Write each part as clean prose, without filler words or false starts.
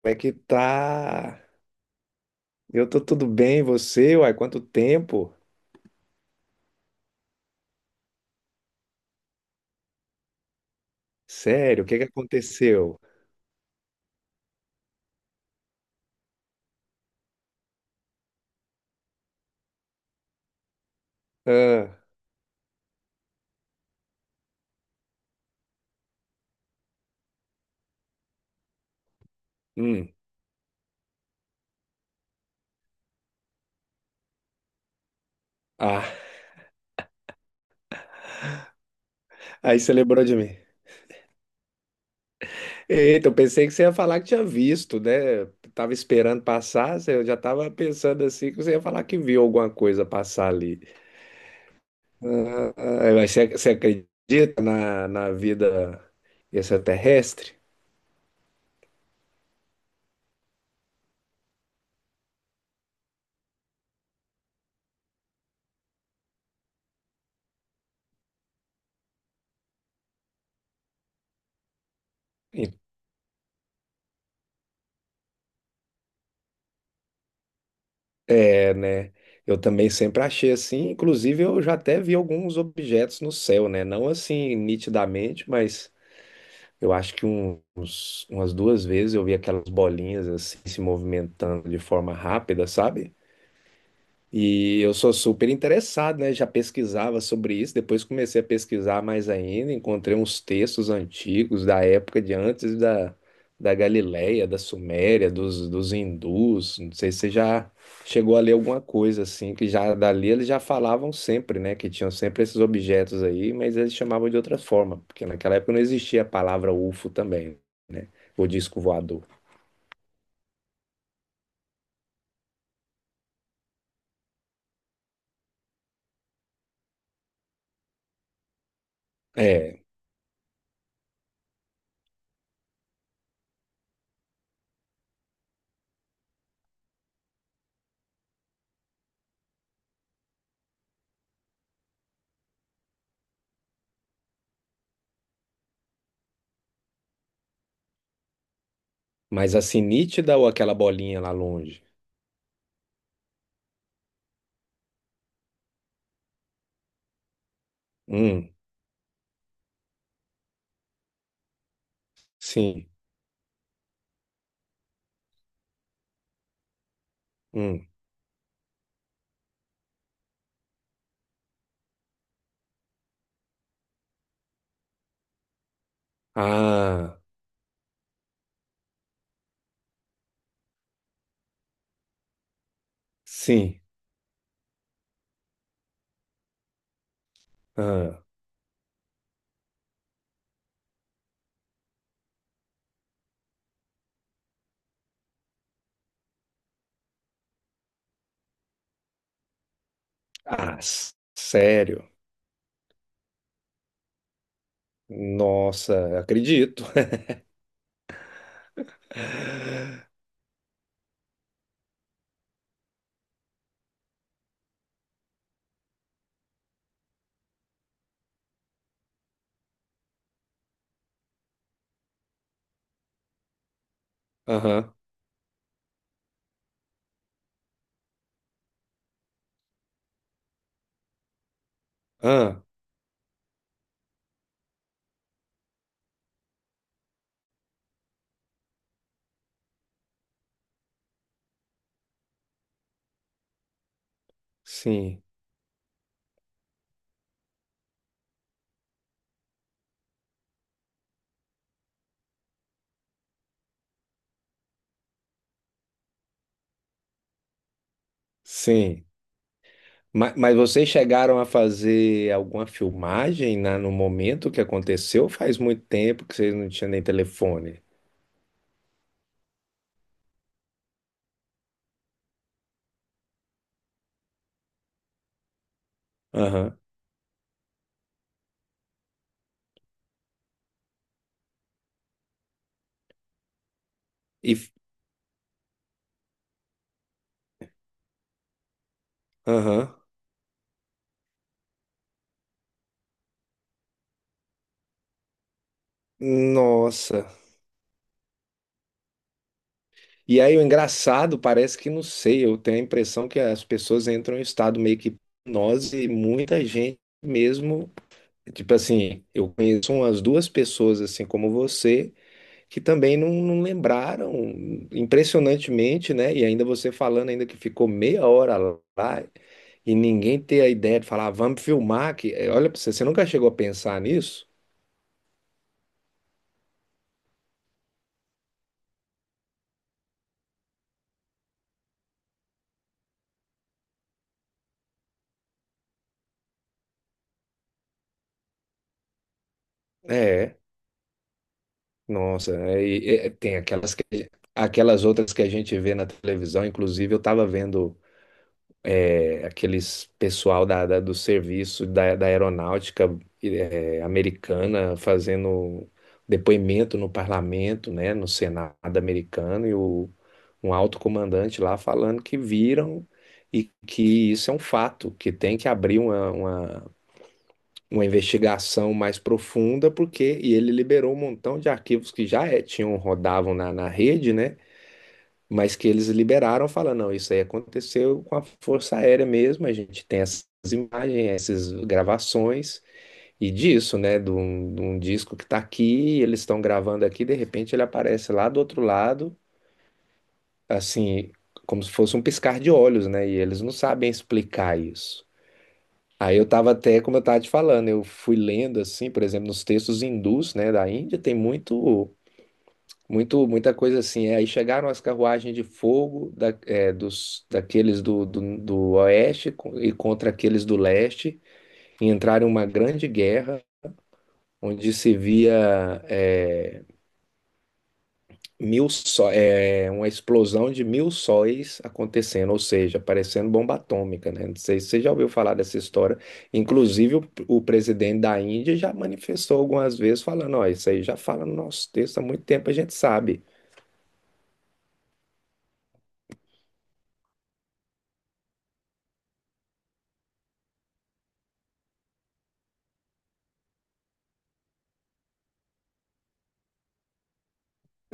Como é que tá? Eu tô tudo bem, você? Uai, quanto tempo? Sério, o que aconteceu? Ah, hum, ah, aí você lembrou de mim. Eita, eu pensei que você ia falar que tinha visto, né? Tava esperando passar, eu já tava pensando assim que você ia falar que viu alguma coisa passar ali. Ah, mas você acredita na vida extraterrestre? É, né? Eu também sempre achei assim. Inclusive, eu já até vi alguns objetos no céu, né? Não assim nitidamente, mas eu acho que uns, umas duas vezes eu vi aquelas bolinhas assim se movimentando de forma rápida, sabe? E eu sou super interessado, né? Já pesquisava sobre isso, depois comecei a pesquisar mais ainda, encontrei uns textos antigos da época de antes da Galileia, da Suméria, dos hindus. Não sei se você já chegou a ler alguma coisa assim, que já dali eles já falavam sempre, né? Que tinham sempre esses objetos aí, mas eles chamavam de outra forma, porque naquela época não existia a palavra UFO também, né? O disco voador. É, mas assim, nítida ou aquela bolinha lá longe? Hum, sim. Hum. Ah, sim. Ah, sério? Nossa, acredito. Aham. Ah, sim, sim. Mas vocês chegaram a fazer alguma filmagem na, no momento que aconteceu? Faz muito tempo que vocês não tinham nem telefone. Aham. E, aham. Nossa. E aí o engraçado, parece que não sei, eu tenho a impressão que as pessoas entram em estado meio que hipnose e muita gente mesmo. Tipo assim, eu conheço umas duas pessoas assim como você que também não lembraram impressionantemente, né? E ainda você falando ainda que ficou meia hora lá e ninguém ter a ideia de falar, "Ah, vamos filmar que olha pra você, você nunca chegou a pensar nisso?" É, nossa, é, tem aquelas outras que a gente vê na televisão, inclusive eu estava vendo, é, aqueles pessoal da, do serviço da, da aeronáutica, é, americana, fazendo depoimento no parlamento, né, no Senado americano, e o, um alto comandante lá falando que viram e que isso é um fato, que tem que abrir uma investigação mais profunda, porque e ele liberou um montão de arquivos que já, é, tinham, rodavam na, na rede, né? Mas que eles liberaram, falando, não, isso aí aconteceu com a Força Aérea mesmo, a gente tem essas imagens, essas gravações, e disso, né, de um disco que está aqui, eles estão gravando aqui, de repente ele aparece lá do outro lado, assim, como se fosse um piscar de olhos, né, e eles não sabem explicar isso. Aí eu estava até, como eu estava te falando, eu fui lendo, assim, por exemplo, nos textos hindus, né, da Índia, tem muito, muito, muita coisa assim. É, aí chegaram as carruagens de fogo é, dos, daqueles do, do oeste e contra aqueles do leste, e entraram em uma grande guerra, onde se via, é, é, uma explosão de mil sóis acontecendo, ou seja, parecendo bomba atômica, né? Não sei se você já ouviu falar dessa história. Inclusive, o presidente da Índia já manifestou algumas vezes, falando: Ó, isso aí já fala no nosso texto há muito tempo, a gente sabe.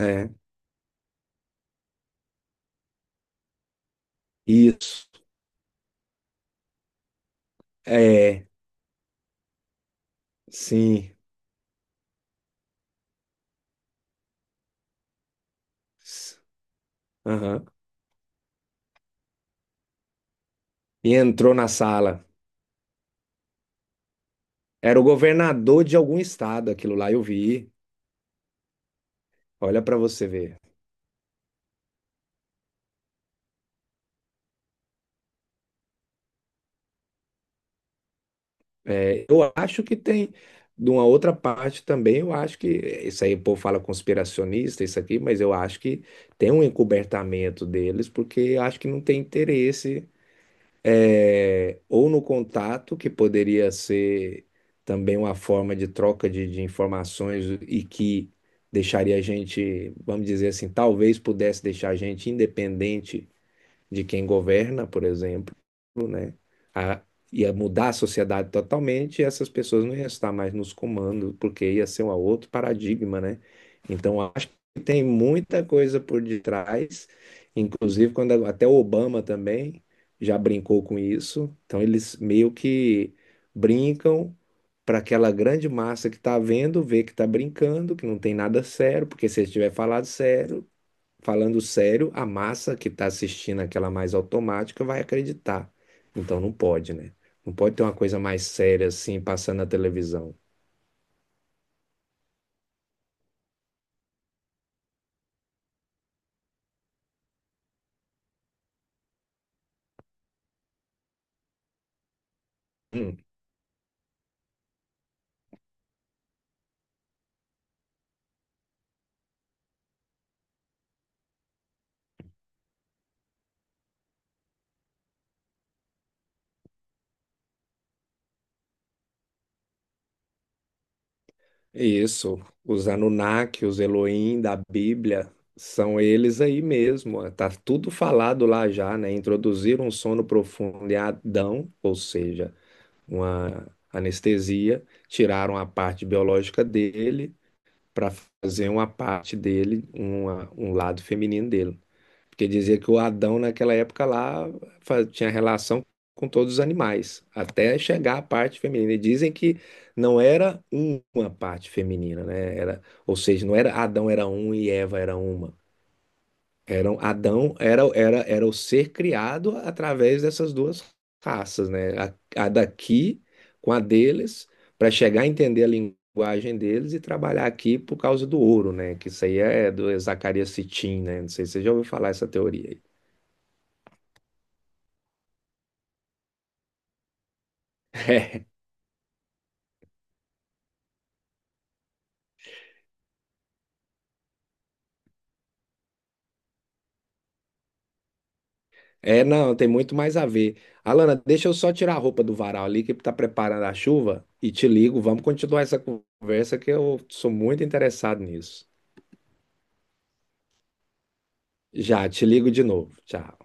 É, isso. É, sim. S- Aham. E entrou na sala. Era o governador de algum estado, aquilo lá eu vi. Olha para você ver. É, eu acho que tem, de uma outra parte também, eu acho que, isso aí o povo fala conspiracionista, isso aqui, mas eu acho que tem um encobertamento deles, porque acho que não tem interesse, é, ou no contato, que poderia ser também uma forma de troca de informações e que deixaria a gente, vamos dizer assim, talvez pudesse deixar a gente independente de quem governa, por exemplo, né? A, ia mudar a sociedade totalmente e essas pessoas não iam estar mais nos comandos, porque ia ser um outro paradigma, né? Então, acho que tem muita coisa por detrás, inclusive quando até o Obama também já brincou com isso. Então, eles meio que brincam para aquela grande massa que está vendo, ver que está brincando, que não tem nada sério, porque se eles tiver falado sério, falando sério, a massa que está assistindo aquela mais automática vai acreditar. Então não pode, né? Não pode ter uma coisa mais séria assim passando na televisão. Hum, Isso, os Anunnaki, os Elohim da Bíblia, são eles aí mesmo. Ó. Tá tudo falado lá já, né? Introduziram um sono profundo em Adão, ou seja, uma anestesia, tiraram a parte biológica dele para fazer uma parte dele, um lado feminino dele. Porque dizia que o Adão, naquela época lá, tinha relação com todos os animais, até chegar à parte feminina. E dizem que não era uma parte feminina, né? Era, ou seja, não era Adão era um e Eva era uma. Eram, Adão era, era o ser criado através dessas duas raças, né? A daqui com a deles, para chegar a entender a linguagem deles e trabalhar aqui por causa do ouro, né? Que isso aí é do Zacarias Sitchin, né? Não sei se você já ouviu falar essa teoria aí. É, não, tem muito mais a ver. Alana, deixa eu só tirar a roupa do varal ali, que tá preparando a chuva, e te ligo. Vamos continuar essa conversa, que eu sou muito interessado nisso. Já, te ligo de novo. Tchau.